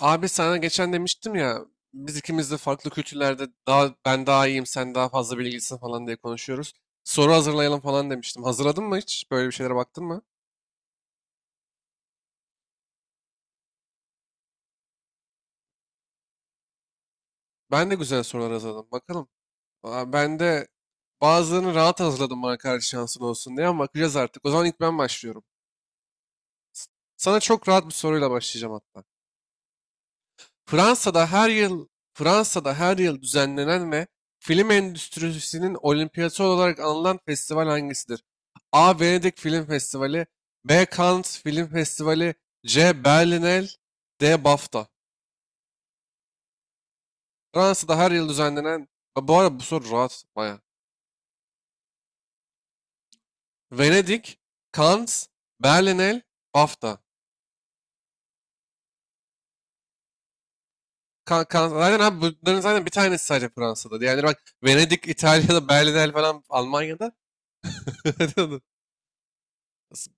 Abi sana geçen demiştim ya biz ikimiz de farklı kültürlerde daha ben daha iyiyim sen daha fazla bilgilisin falan diye konuşuyoruz. Soru hazırlayalım falan demiştim. Hazırladın mı hiç? Böyle bir şeylere baktın mı? Ben de güzel sorular hazırladım. Bakalım. Ben de bazılarını rahat hazırladım bana karşı şansın olsun diye ama bakacağız artık. O zaman ilk ben başlıyorum. S- Sana çok rahat bir soruyla başlayacağım hatta. Fransa'da her yıl Fransa'da her yıl düzenlenen ve film endüstrisinin olimpiyatı olarak anılan festival hangisidir? A. Venedik Film Festivali. B. Cannes Film Festivali. C. Berlinale. D. BAFTA. Fransa'da her yıl düzenlenen. Ha, bu arada bu soru rahat baya. Venedik, Cannes, Berlinale, BAFTA. Zaten abi bunların zaten bir tanesi sadece Fransa'da. Yani bak Venedik, İtalya'da, Berlinale falan Almanya'da.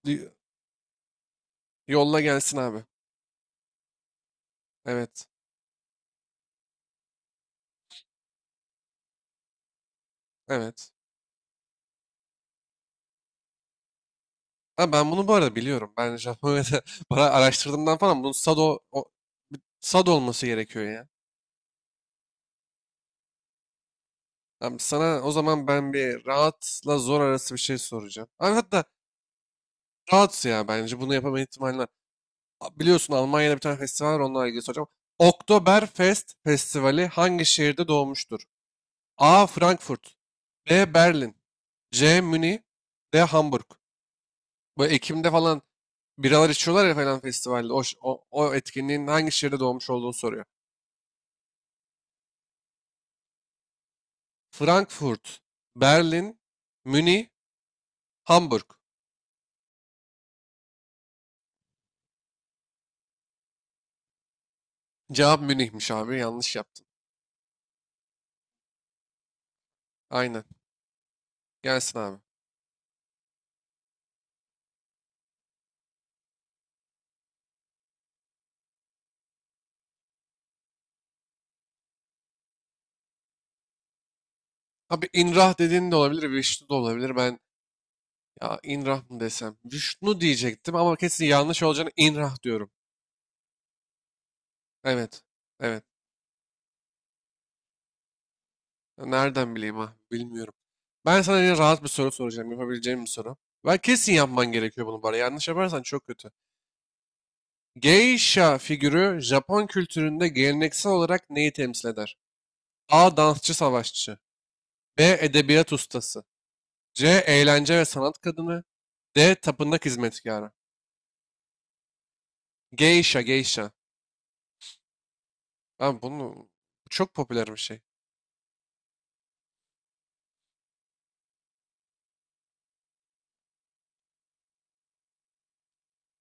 Yolla gelsin abi. Evet. Evet. Ha, ben bunu bu arada biliyorum. Ben Japonya'da para araştırdığımdan falan bunun Sado olması gerekiyor ya. Abi sana o zaman ben bir rahatla zor arası bir şey soracağım. Abi hatta rahat ya bence bunu yapama ihtimali var. Biliyorsun Almanya'da bir tane festival var onunla ilgili soracağım. Oktoberfest Festivali hangi şehirde doğmuştur? A. Frankfurt. B. Berlin. C. Münih. D. Hamburg. Bu Ekim'de falan biralar içiyorlar ya falan festivalde. O etkinliğin hangi şehirde doğmuş olduğunu soruyor. Frankfurt, Berlin, Münih, Hamburg. Cevap Münih'miş abi. Yanlış yaptın. Aynen. Gelsin abi. Abi İnrah dediğin de olabilir, Vişnu da olabilir. Ben ya İnrah mı desem? Vişnu diyecektim ama kesin yanlış olacağını İnrah diyorum. Evet. Evet. Nereden bileyim ha? Bilmiyorum. Ben sana yine rahat bir soru soracağım. Yapabileceğim bir soru. Ben kesin yapman gerekiyor bunu bari. Yanlış yaparsan çok kötü. Geisha figürü Japon kültüründe geleneksel olarak neyi temsil eder? A. Dansçı savaşçı. B. Edebiyat ustası. C. Eğlence ve sanat kadını. D. Tapınak hizmetkarı. Geisha. Lan bunu çok popüler bir şey.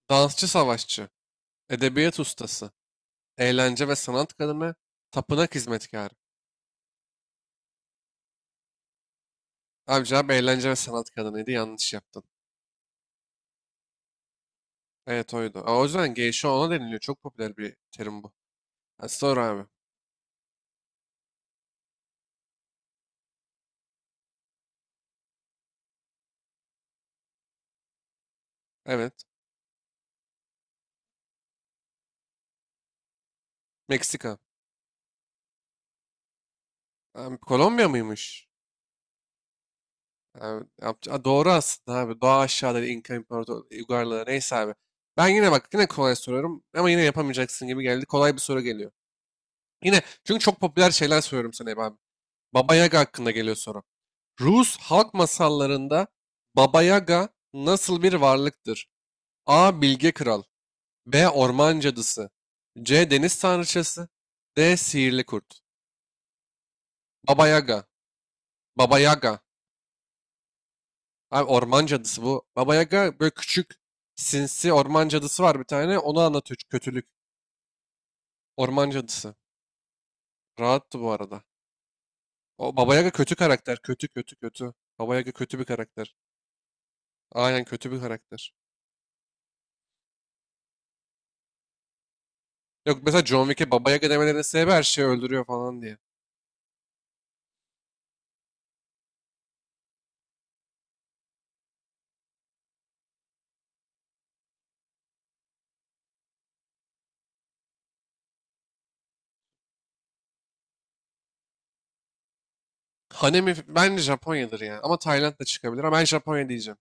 Dansçı savaşçı. Edebiyat ustası. Eğlence ve sanat kadını. Tapınak hizmetkarı. Abi cevap eğlence ve sanat kadınıydı. Yanlış yaptın. Evet oydu. O yüzden geisha ona deniliyor. Çok popüler bir terim bu. Ha, sor abi. Evet. Meksika. Kolombiya mıymış? Ha, doğru aslında abi. Doğa aşağıda İnka İmparator uygarlığı neyse abi. Ben yine bak yine kolay soruyorum ama yine yapamayacaksın gibi geldi. Kolay bir soru geliyor. Yine çünkü çok popüler şeyler soruyorum sana hep abi. Baba Yaga hakkında geliyor soru. Rus halk masallarında Baba Yaga nasıl bir varlıktır? A. Bilge Kral. B. Orman Cadısı. C. Deniz Tanrıçası. D. Sihirli Kurt. Baba Yaga Baba Yaga Abi orman cadısı bu. Baba Yaga böyle küçük sinsi orman cadısı var bir tane. Onu anlatıyor çünkü kötülük. Orman cadısı. Rahattı bu arada. O Baba Yaga kötü karakter. Kötü kötü kötü. Baba Yaga kötü bir karakter. Aynen kötü bir karakter. Yok mesela John Wick'e Baba Yaga demelerinin sebebi her şeyi öldürüyor falan diye. Bence Japonya'dır ya. Ama Tayland da çıkabilir ama ben Japonya diyeceğim.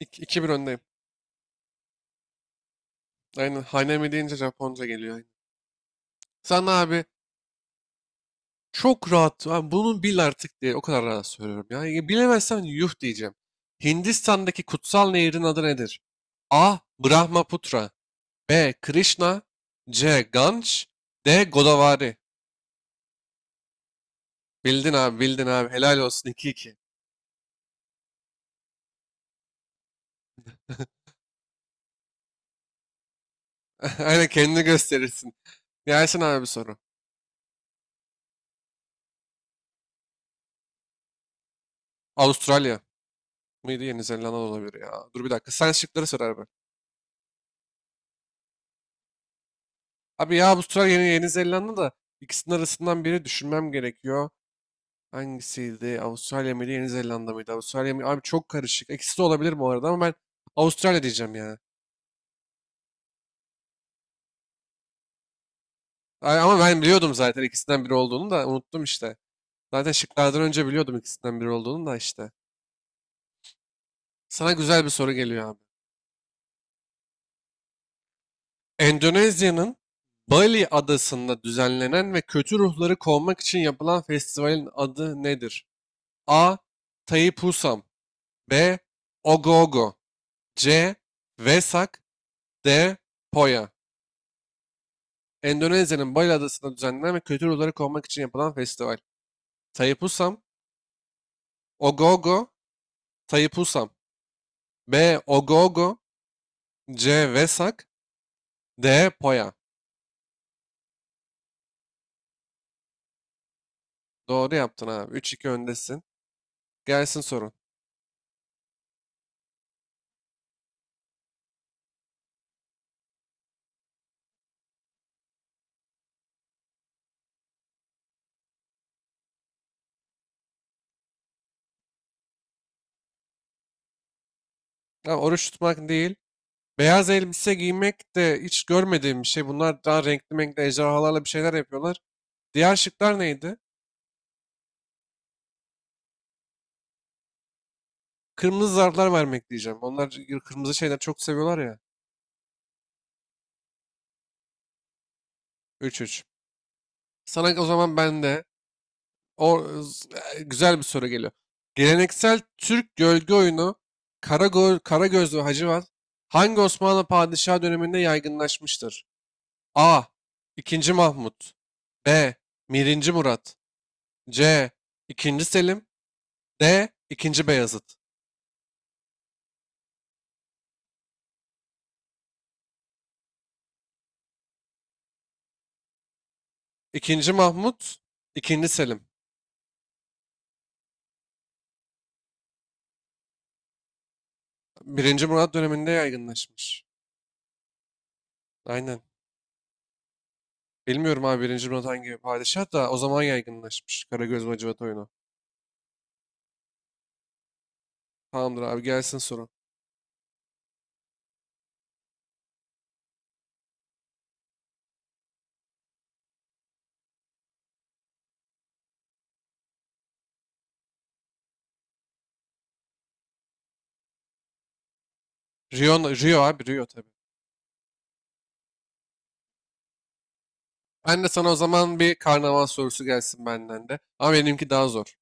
İki bir öndeyim. Aynen Hanemi deyince Japonca geliyor. Sen abi çok rahat. Ha, bunun bil artık diye o kadar rahat söylüyorum. Ya bilemezsen yuh diyeceğim. Hindistan'daki kutsal nehrin adı nedir? A. Brahmaputra. B. Krishna. C. Ganj. D. Godavari. Bildin abi bildin abi. Helal olsun 2-2. Aynen kendini gösterirsin. Gelsin abi bir soru. Avustralya mıydı? Yeni Zelanda da olabilir ya. Dur bir dakika. Sen şıkları sor abi. Abi ya Avustralya Yeni Zelanda da ikisinin arasından biri düşünmem gerekiyor. Hangisiydi? Avustralya mıydı? Yeni Zelanda mıydı? Avustralya mı? Abi çok karışık. İkisi de olabilir bu arada ama ben Avustralya diyeceğim ya. Ama ben biliyordum zaten ikisinden biri olduğunu da unuttum işte. Zaten şıklardan önce biliyordum ikisinden biri olduğunu da işte. Sana güzel bir soru geliyor abi. Endonezya'nın Bali adasında düzenlenen ve kötü ruhları kovmak için yapılan festivalin adı nedir? A. Tai Pusam. B. Ogogo. C. Vesak. D. Poya. Endonezya'nın Bali Adası'nda düzenlenen ve kültür olarak korumak için yapılan festival. Taipusam, Ogogo, Taipusam. B. Ogogo. C. Vesak. D. Poya. Doğru yaptın abi. Üç iki öndesin. Gelsin sorun. Ya oruç tutmak değil. Beyaz elbise giymek de hiç görmediğim bir şey. Bunlar daha renkli renkli ejderhalarla bir şeyler yapıyorlar. Diğer şıklar neydi? Kırmızı zarflar vermek diyeceğim. Onlar kırmızı şeyler çok seviyorlar ya. Üç üç. Sana o zaman ben de O güzel bir soru geliyor. Geleneksel Türk gölge oyunu Karagöz ve Hacivat hangi Osmanlı padişahı döneminde yaygınlaşmıştır? A. 2. Mahmut. B. Birinci Murat. C. 2. Selim. D. 2. Beyazıt. 2. Mahmut. 2. Selim. Birinci Murat döneminde yaygınlaşmış. Aynen. Bilmiyorum abi Birinci Murat hangi padişah da o zaman yaygınlaşmış Karagöz ve Hacivat oyunu. Tamamdır abi gelsin soru. Rio tabii. Ben de sana o zaman bir karnaval sorusu gelsin benden de. Ama benimki daha zor.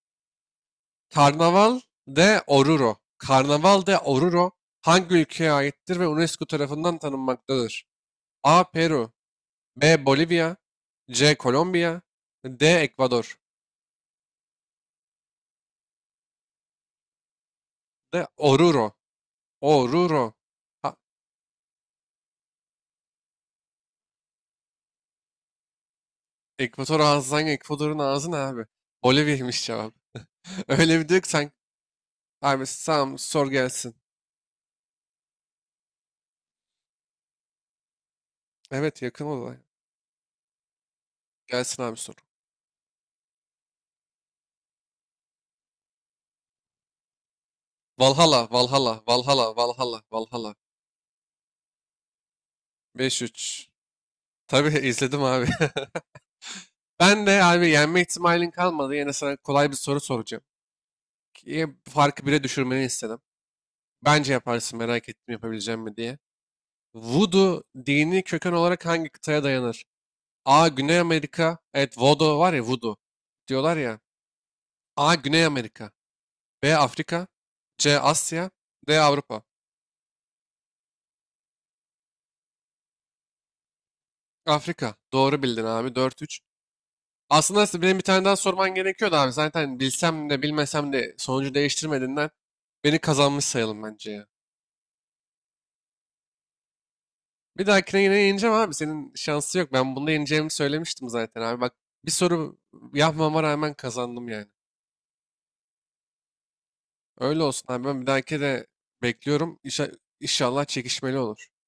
Karnaval Karnaval de Oruro hangi ülkeye aittir ve UNESCO tarafından tanınmaktadır? A. Peru. B. Bolivya. C. Kolombiya. D. Ekvador. D. Oruro. Ha, Ekvator ağzı hangi? Ekvador'un ağzı ne abi? Bolivya'ymış cevap. Öyle bir diyor ki sen... Abi tamam sor gelsin. Evet yakın olay. Gelsin abi sor. Valhalla. Beş üç. Tabii izledim abi. Ben de abi yenme ihtimalin kalmadı. Yine sana kolay bir soru soracağım. Ki farkı bire düşürmeni istedim. Bence yaparsın merak ettim yapabileceğim mi diye. Voodoo dini köken olarak hangi kıtaya dayanır? A. Güney Amerika. Evet Voodoo var ya Voodoo. Diyorlar ya. A. Güney Amerika. B. Afrika. C. Asya. D. Avrupa. Afrika. Doğru bildin abi. Dört üç. Aslında benim bir tane daha sorman gerekiyordu abi. Zaten bilsem de bilmesem de sonucu değiştirmediğinden beni kazanmış sayalım bence ya. Bir dahakine yine yeneceğim abi. Senin şansı yok. Ben bunda yeneceğimi söylemiştim zaten abi. Bak bir soru yapmama rağmen kazandım yani. Öyle olsun abi. Ben bir dahaki de bekliyorum. İnşallah çekişmeli olur.